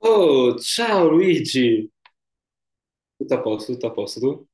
Oh, ciao Luigi! Tutto a posto, tu?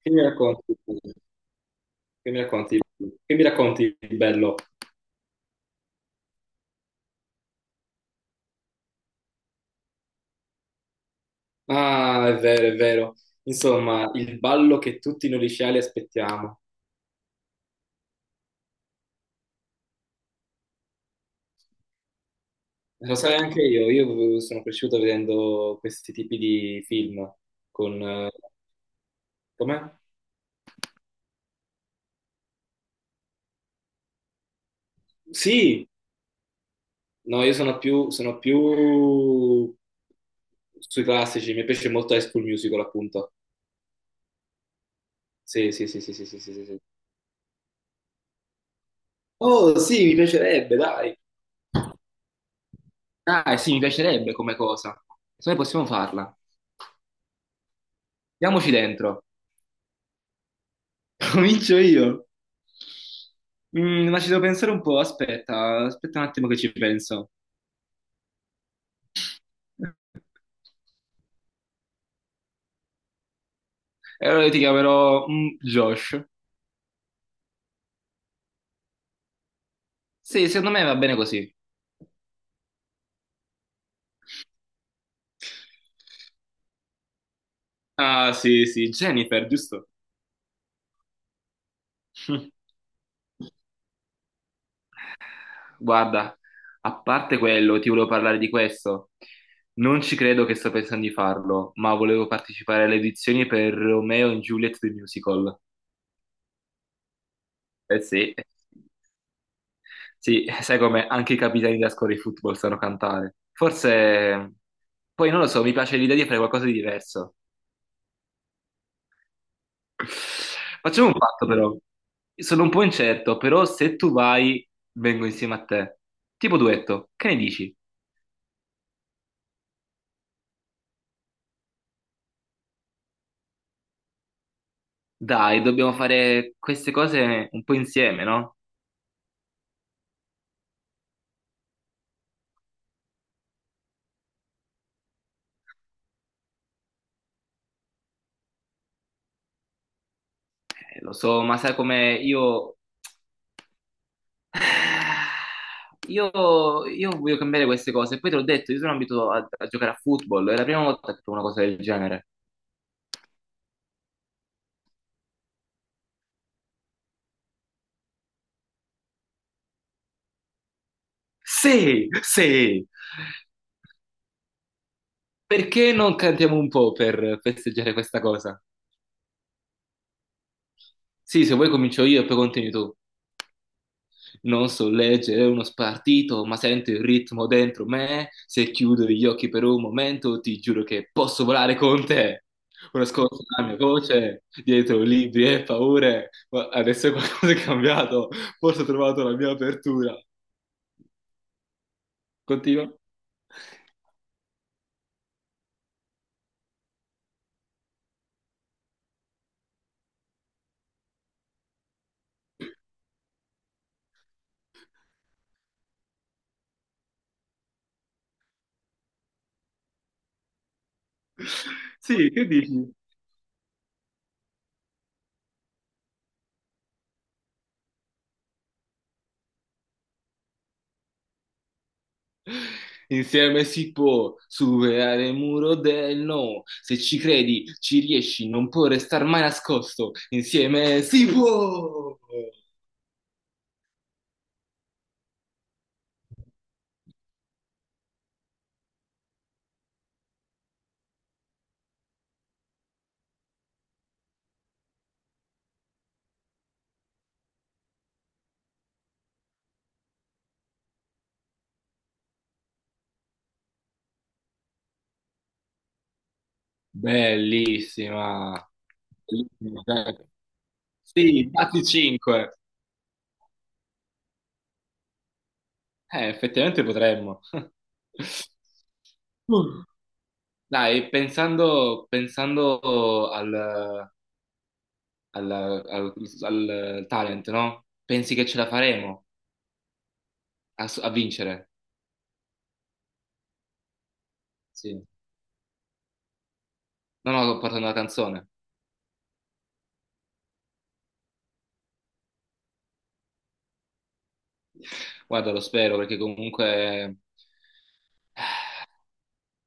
Che mi racconti? Che mi racconti? Che mi racconti di bello? Ah, è vero, è vero. Insomma, il ballo che tutti noi liceali aspettiamo. Lo sai anche io, sono cresciuto vedendo questi tipi di film con... com'è? Sì! No, sono più sui classici, mi piace molto High School Musical, appunto. Sì, sì, sì, sì, sì, sì, sì, sì, sì. Oh, sì, mi piacerebbe, dai. Ah, sì, mi piacerebbe come cosa. Se noi possiamo farla. Diamoci dentro. Comincio io. Ma ci devo pensare un po', aspetta un attimo che ci penso. E allora io ti chiamerò Josh. Sì, secondo me va bene così. Ah, sì, sì, Jennifer, giusto? Guarda, a parte quello, ti volevo parlare di questo. Non ci credo che sto pensando di farlo, ma volevo partecipare alle edizioni per Romeo e Juliet The Musical. Eh sì, sì, sai come anche i capitani della scuola di football sanno cantare. Forse, poi non lo so, mi piace l'idea di fare qualcosa di diverso. Facciamo un patto però. Sono un po' incerto, però se tu vai, vengo insieme a te. Tipo duetto, che ne dici? Dai, dobbiamo fare queste cose un po' insieme, no? Lo so, ma sai come io... Io, io voglio cambiare queste cose. Poi te l'ho detto, io sono abituato a giocare a football. È la prima volta che provo una cosa del genere. Sì, sì. Perché non cantiamo un po' per festeggiare questa cosa? Sì, se vuoi comincio io e poi continui tu. Non so leggere uno spartito, ma sento il ritmo dentro me. Se chiudo gli occhi per un momento, ti giuro che posso volare con te. Ora ascolto la mia voce, dietro libri e paure. Ma adesso qualcosa è cambiato, forse ho trovato la mia apertura. Continua. Sì, che dici? Insieme si può superare il muro del no. Se ci credi, ci riesci, non può restare mai nascosto. Insieme si può. Bellissima. Bellissima. Sì, dati 5. Effettivamente potremmo. Uh. Dai, pensando al- al talent, no? Pensi che ce la faremo a vincere? Sì. No, no, sto portando una canzone. Guarda, lo spero perché comunque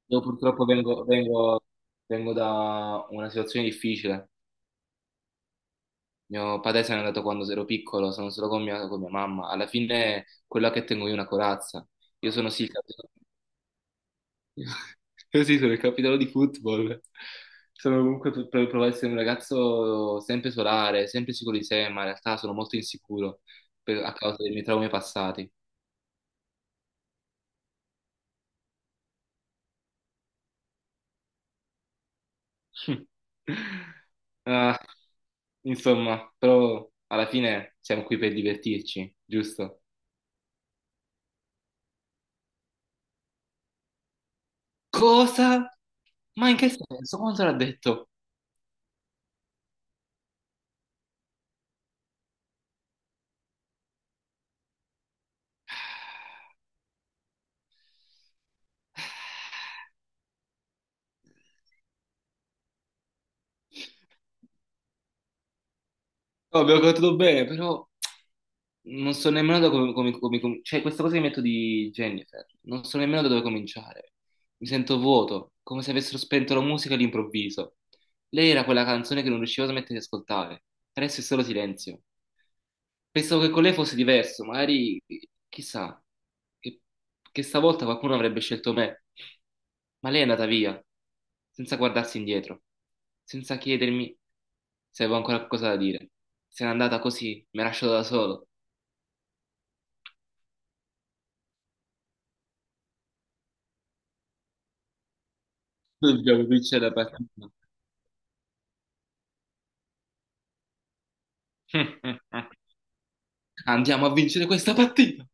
io purtroppo vengo da una situazione difficile. Mio padre se n'è andato quando ero piccolo, sono solo con mia mamma. Alla fine quella che tengo io è una corazza. Io sono sì il capitano, io sì, sono il capitano di football. Sono comunque per provare ad essere un ragazzo sempre solare, sempre sicuro di sé, ma in realtà sono molto insicuro a causa dei miei traumi passati. Ah. Insomma, però alla fine siamo qui per divertirci, giusto? Cosa? Ma in che senso? Quanto l'ha detto? No, abbiamo cantato bene, però non so nemmeno da cioè questa cosa che metto di Jennifer, non so nemmeno da dove cominciare. Mi sento vuoto, come se avessero spento la musica all'improvviso. Lei era quella canzone che non riuscivo a smettere di ascoltare. Adesso è solo silenzio. Pensavo che con lei fosse diverso, magari chissà che, che stavolta qualcuno avrebbe scelto me. Ma lei è andata via, senza guardarsi indietro, senza chiedermi se avevo ancora qualcosa da dire. Se n'è andata così, mi ha lasciato da solo. Dobbiamo vincere la partita. Andiamo a vincere questa partita!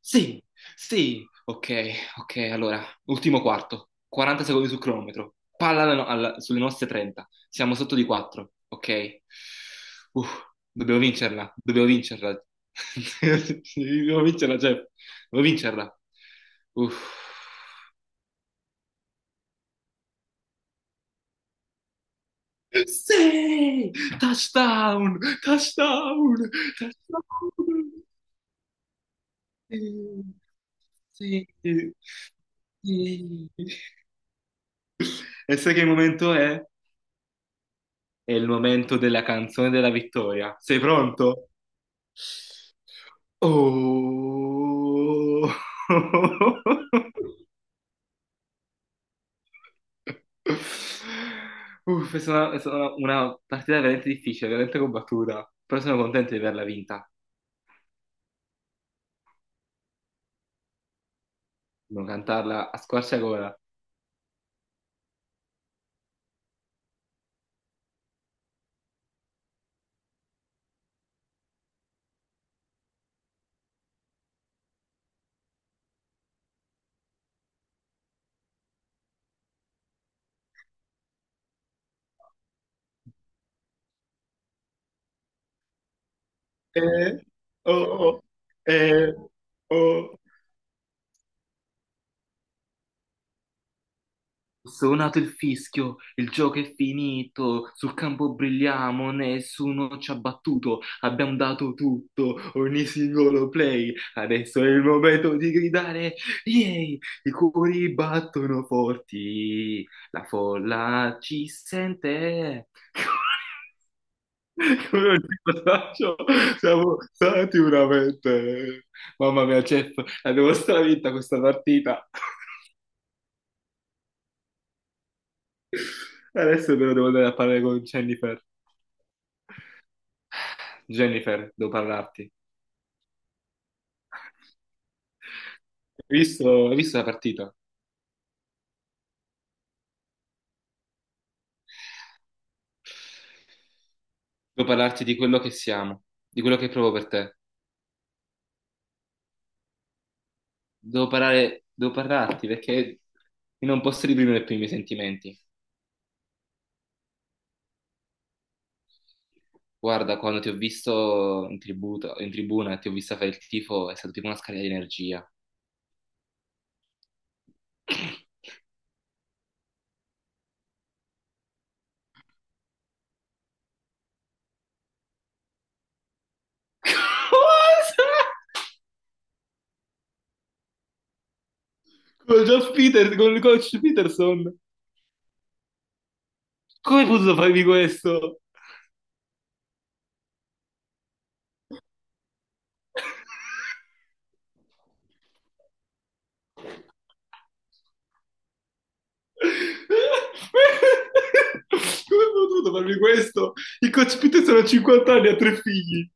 Sì, sì. Ok, ok, allora, ultimo quarto. 40 secondi sul cronometro. Palla alla no- alla- Sulle nostre 30. Siamo sotto di 4. Ok. Uff, dobbiamo vincerla, dobbiamo vincerla. Dobbiamo vincerla, Jeff. Dobbiamo vincerla. Uff. Sì! Touchdown! Touchdown! Touchdown! Sì, sì, sì. E sai che momento è? È il momento della canzone della vittoria. Sei pronto? Oh. Uff, è stata una partita veramente difficile, veramente combattuta, però sono contento di averla vinta, non cantarla a squarciagola. Eh, oh, eh, oh. Suonato il fischio, il gioco è finito, sul campo brilliamo, nessuno ci ha battuto, abbiamo dato tutto, ogni singolo play, adesso è il momento di gridare, yay! I cuori battono forti, la folla ci sente. Come un ricordaccio, siamo stati veramente... Mamma mia, Jeff, la devo stravinta questa partita. Adesso però devo andare a parlare con Jennifer. Jennifer, devo parlarti. Hai visto la partita? Devo parlarti di quello che siamo, di quello che provo per te. Devo parlarti perché io non posso reprimere più i miei sentimenti. Guarda, quando ti ho visto in tribuna e ti ho vista fare il tifo, è stato tipo una scarica di energia. Cosa? Con Josh Peters, con il coach Peterson. Come hai potuto farmi questo? Come ho potuto farmi questo? Il coach Pitt sono 50 anni, ha 3 figli.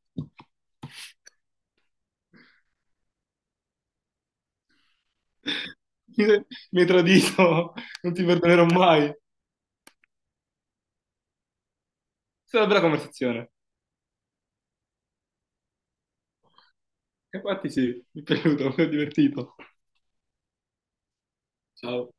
Mi mi hai tradito, non ti perdonerò mai. È stata una bella conversazione. E infatti sì, mi è piaciuto, mi è divertito. Ciao.